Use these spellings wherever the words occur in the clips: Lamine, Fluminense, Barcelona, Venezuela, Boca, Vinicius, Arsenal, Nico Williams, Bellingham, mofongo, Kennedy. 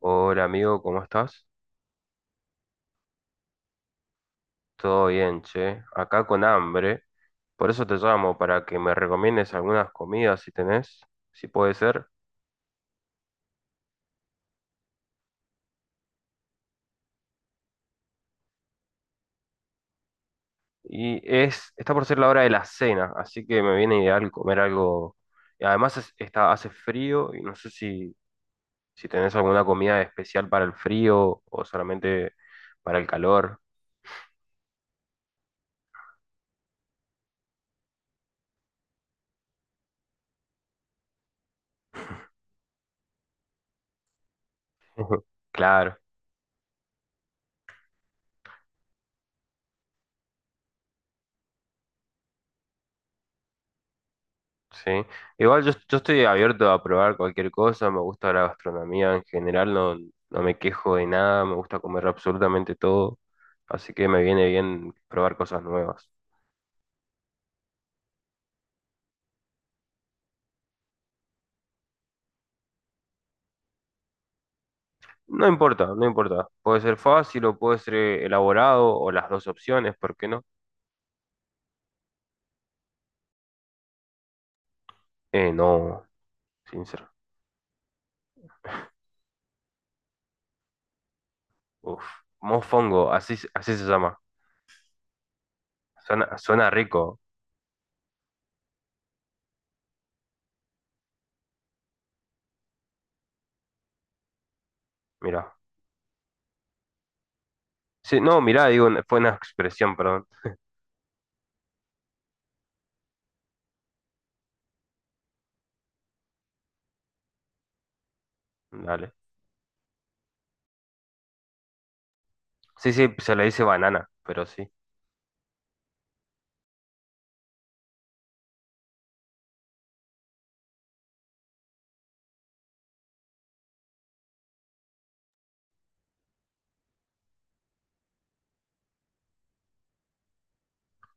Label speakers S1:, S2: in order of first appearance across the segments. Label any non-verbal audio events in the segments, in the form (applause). S1: Hola amigo, ¿cómo estás? Todo bien, che. Acá con hambre. Por eso te llamo, para que me recomiendes algunas comidas si tenés, si puede ser. Está por ser la hora de la cena, así que me viene ideal comer algo. Y además está, hace frío y no sé si, si tenés alguna comida especial para el frío o solamente para el calor. (laughs) Claro. Sí, igual yo estoy abierto a probar cualquier cosa, me gusta la gastronomía en general, no, no me quejo de nada, me gusta comer absolutamente todo, así que me viene bien probar cosas nuevas. No importa, no importa, puede ser fácil o puede ser elaborado o las dos opciones, ¿por qué no? No, sincero. Uf, mofongo, así, así se llama. Suena, suena rico, mira. Sí, no, mirá, digo, fue una expresión, perdón. Dale. Sí, sí, se le dice banana, pero sí.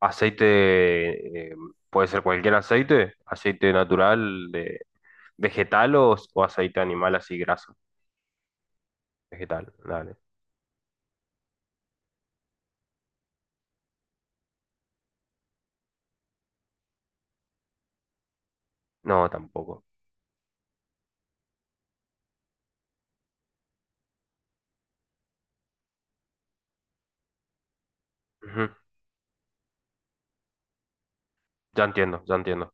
S1: Aceite, puede ser cualquier aceite, aceite natural, de vegetal o aceite animal así graso. Vegetal, dale. No, tampoco. Ujú, ya entiendo, ya entiendo.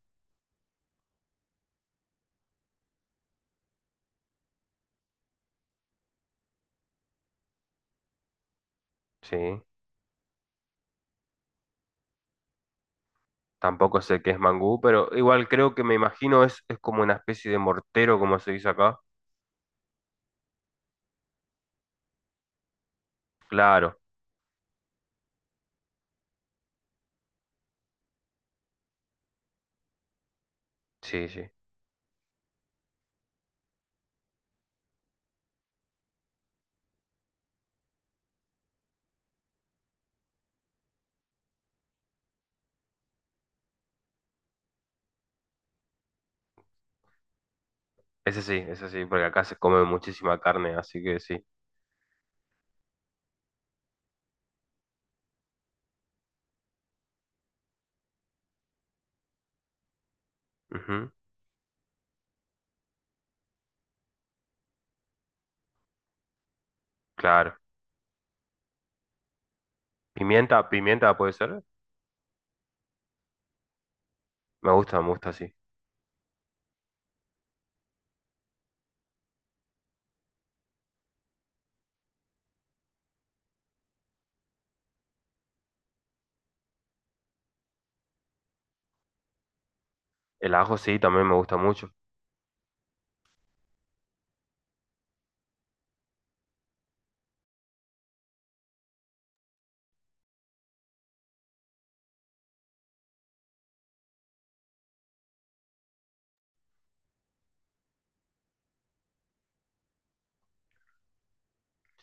S1: Sí, tampoco sé qué es mangú, pero igual creo que me imagino es como una especie de mortero, como se dice acá. Claro, sí, sí. Ese sí, ese sí, porque acá se come muchísima carne, así que sí. Ujú, claro. Pimienta, pimienta puede ser. Me gusta, sí. El ajo sí, también me gusta mucho.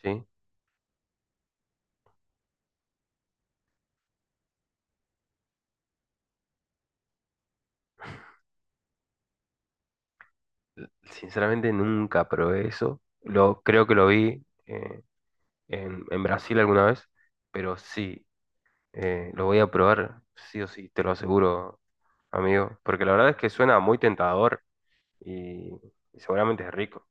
S1: Sí. Sinceramente nunca probé eso. Lo, creo que lo vi en Brasil alguna vez, pero sí, lo voy a probar, sí o sí, te lo aseguro, amigo, porque la verdad es que suena muy tentador y, y seguramente es rico.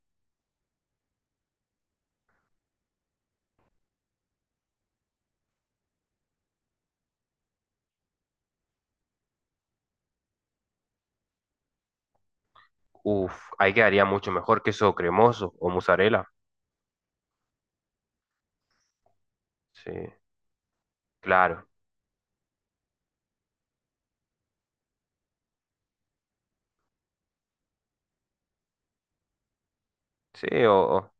S1: Uf, ahí quedaría mucho mejor queso cremoso o mozzarella. Sí, claro. Sí, o,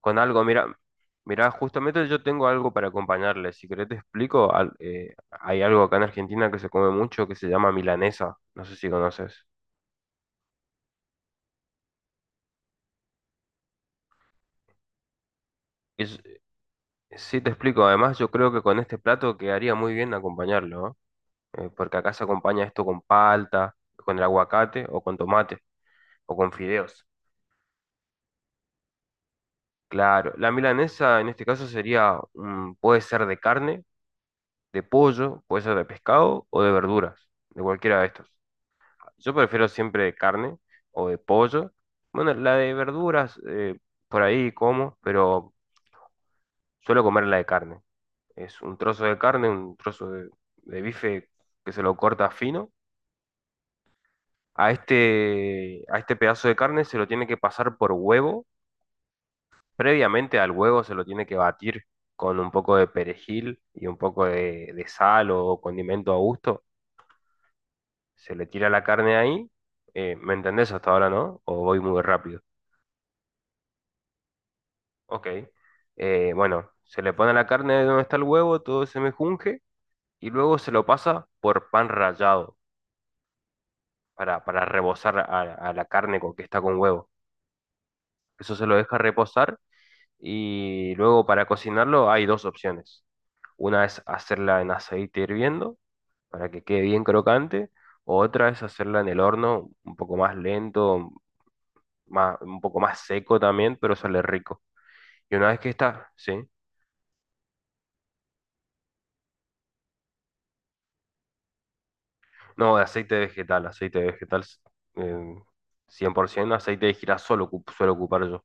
S1: con algo, mira, mira, justamente yo tengo algo para acompañarle. Si querés te explico, hay algo acá en Argentina que se come mucho que se llama milanesa. No sé si conoces. Es- sí, te explico. Además, yo creo que con este plato quedaría muy bien acompañarlo, ¿no? Porque acá se acompaña esto con palta, con el aguacate o con tomate o con fideos. Claro, la milanesa en este caso sería, mm, puede ser de carne, de pollo, puede ser de pescado o de verduras, de cualquiera de estos. Yo prefiero siempre de carne o de pollo. Bueno, la de verduras, por ahí como, pero suelo comer la de carne. Es un trozo de carne, un trozo de bife que se lo corta fino. A este pedazo de carne se lo tiene que pasar por huevo. Previamente al huevo se lo tiene que batir con un poco de perejil y un poco de sal o condimento a gusto. Se le tira la carne ahí. ¿Me entendés hasta ahora, no? ¿O voy muy rápido? Ok. Bueno, se le pone la carne de donde está el huevo, todo se mejunje y luego se lo pasa por pan rallado para rebozar a la carne con que está con huevo. Eso se lo deja reposar y luego para cocinarlo hay dos opciones. Una es hacerla en aceite hirviendo para que quede bien crocante, otra es hacerla en el horno un poco más lento, más, un poco más seco también, pero sale rico. Y una vez que está, sí. No, de aceite vegetal eh, 100%, aceite de girasol suelo ocupar yo.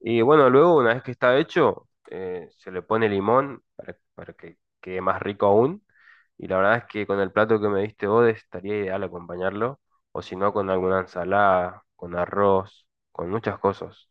S1: Y bueno, luego una vez que está hecho, se le pone limón para que quede más rico aún. Y la verdad es que con el plato que me diste vos estaría ideal acompañarlo, o si no, con alguna ensalada, con arroz, con muchas cosas.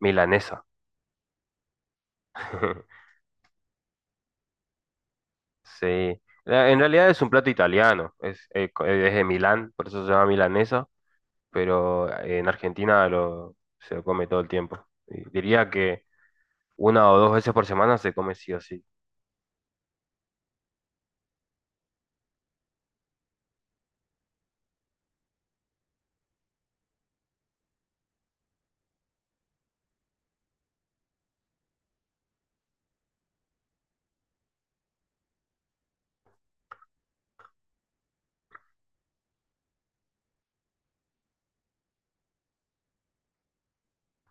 S1: Milanesa. (laughs) Sí. En realidad es un plato italiano, es, es de Milán, por eso se llama milanesa. Pero en Argentina lo, se lo come todo el tiempo. Y diría que 1 o 2 veces por semana se come sí o sí.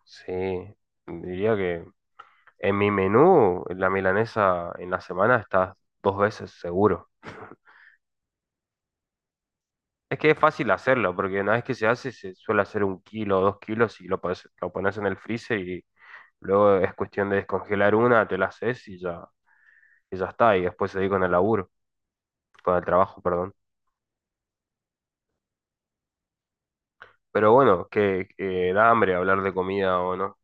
S1: Sí, diría que en mi menú la milanesa en la semana está 2 veces seguro. Es que es fácil hacerlo, porque una vez que se hace se suele hacer 1 kilo o 2 kilos y lo pones en el freezer y luego es cuestión de descongelar una, te la haces y ya está, y después seguir con el laburo, con el trabajo, perdón. Pero bueno, que da hambre hablar de comida o no.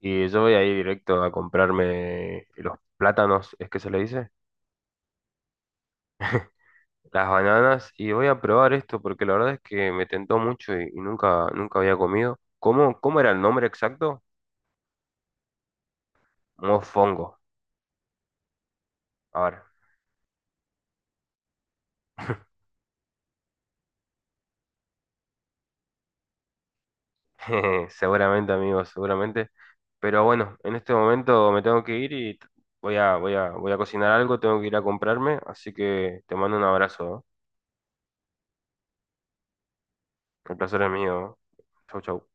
S1: Y yo voy a ir directo a comprarme los plátanos, ¿es que se le dice? Las bananas y voy a probar esto porque la verdad es que me tentó mucho y nunca, nunca había comido. ¿Cómo, cómo era el nombre exacto? Mofongo. Ahora, (laughs) jeje, seguramente amigos, seguramente. Pero bueno, en este momento me tengo que ir y voy a, voy a, voy a cocinar algo, tengo que ir a comprarme, así que te mando un abrazo, ¿eh? El placer es mío. ¿Eh? Chau, chau.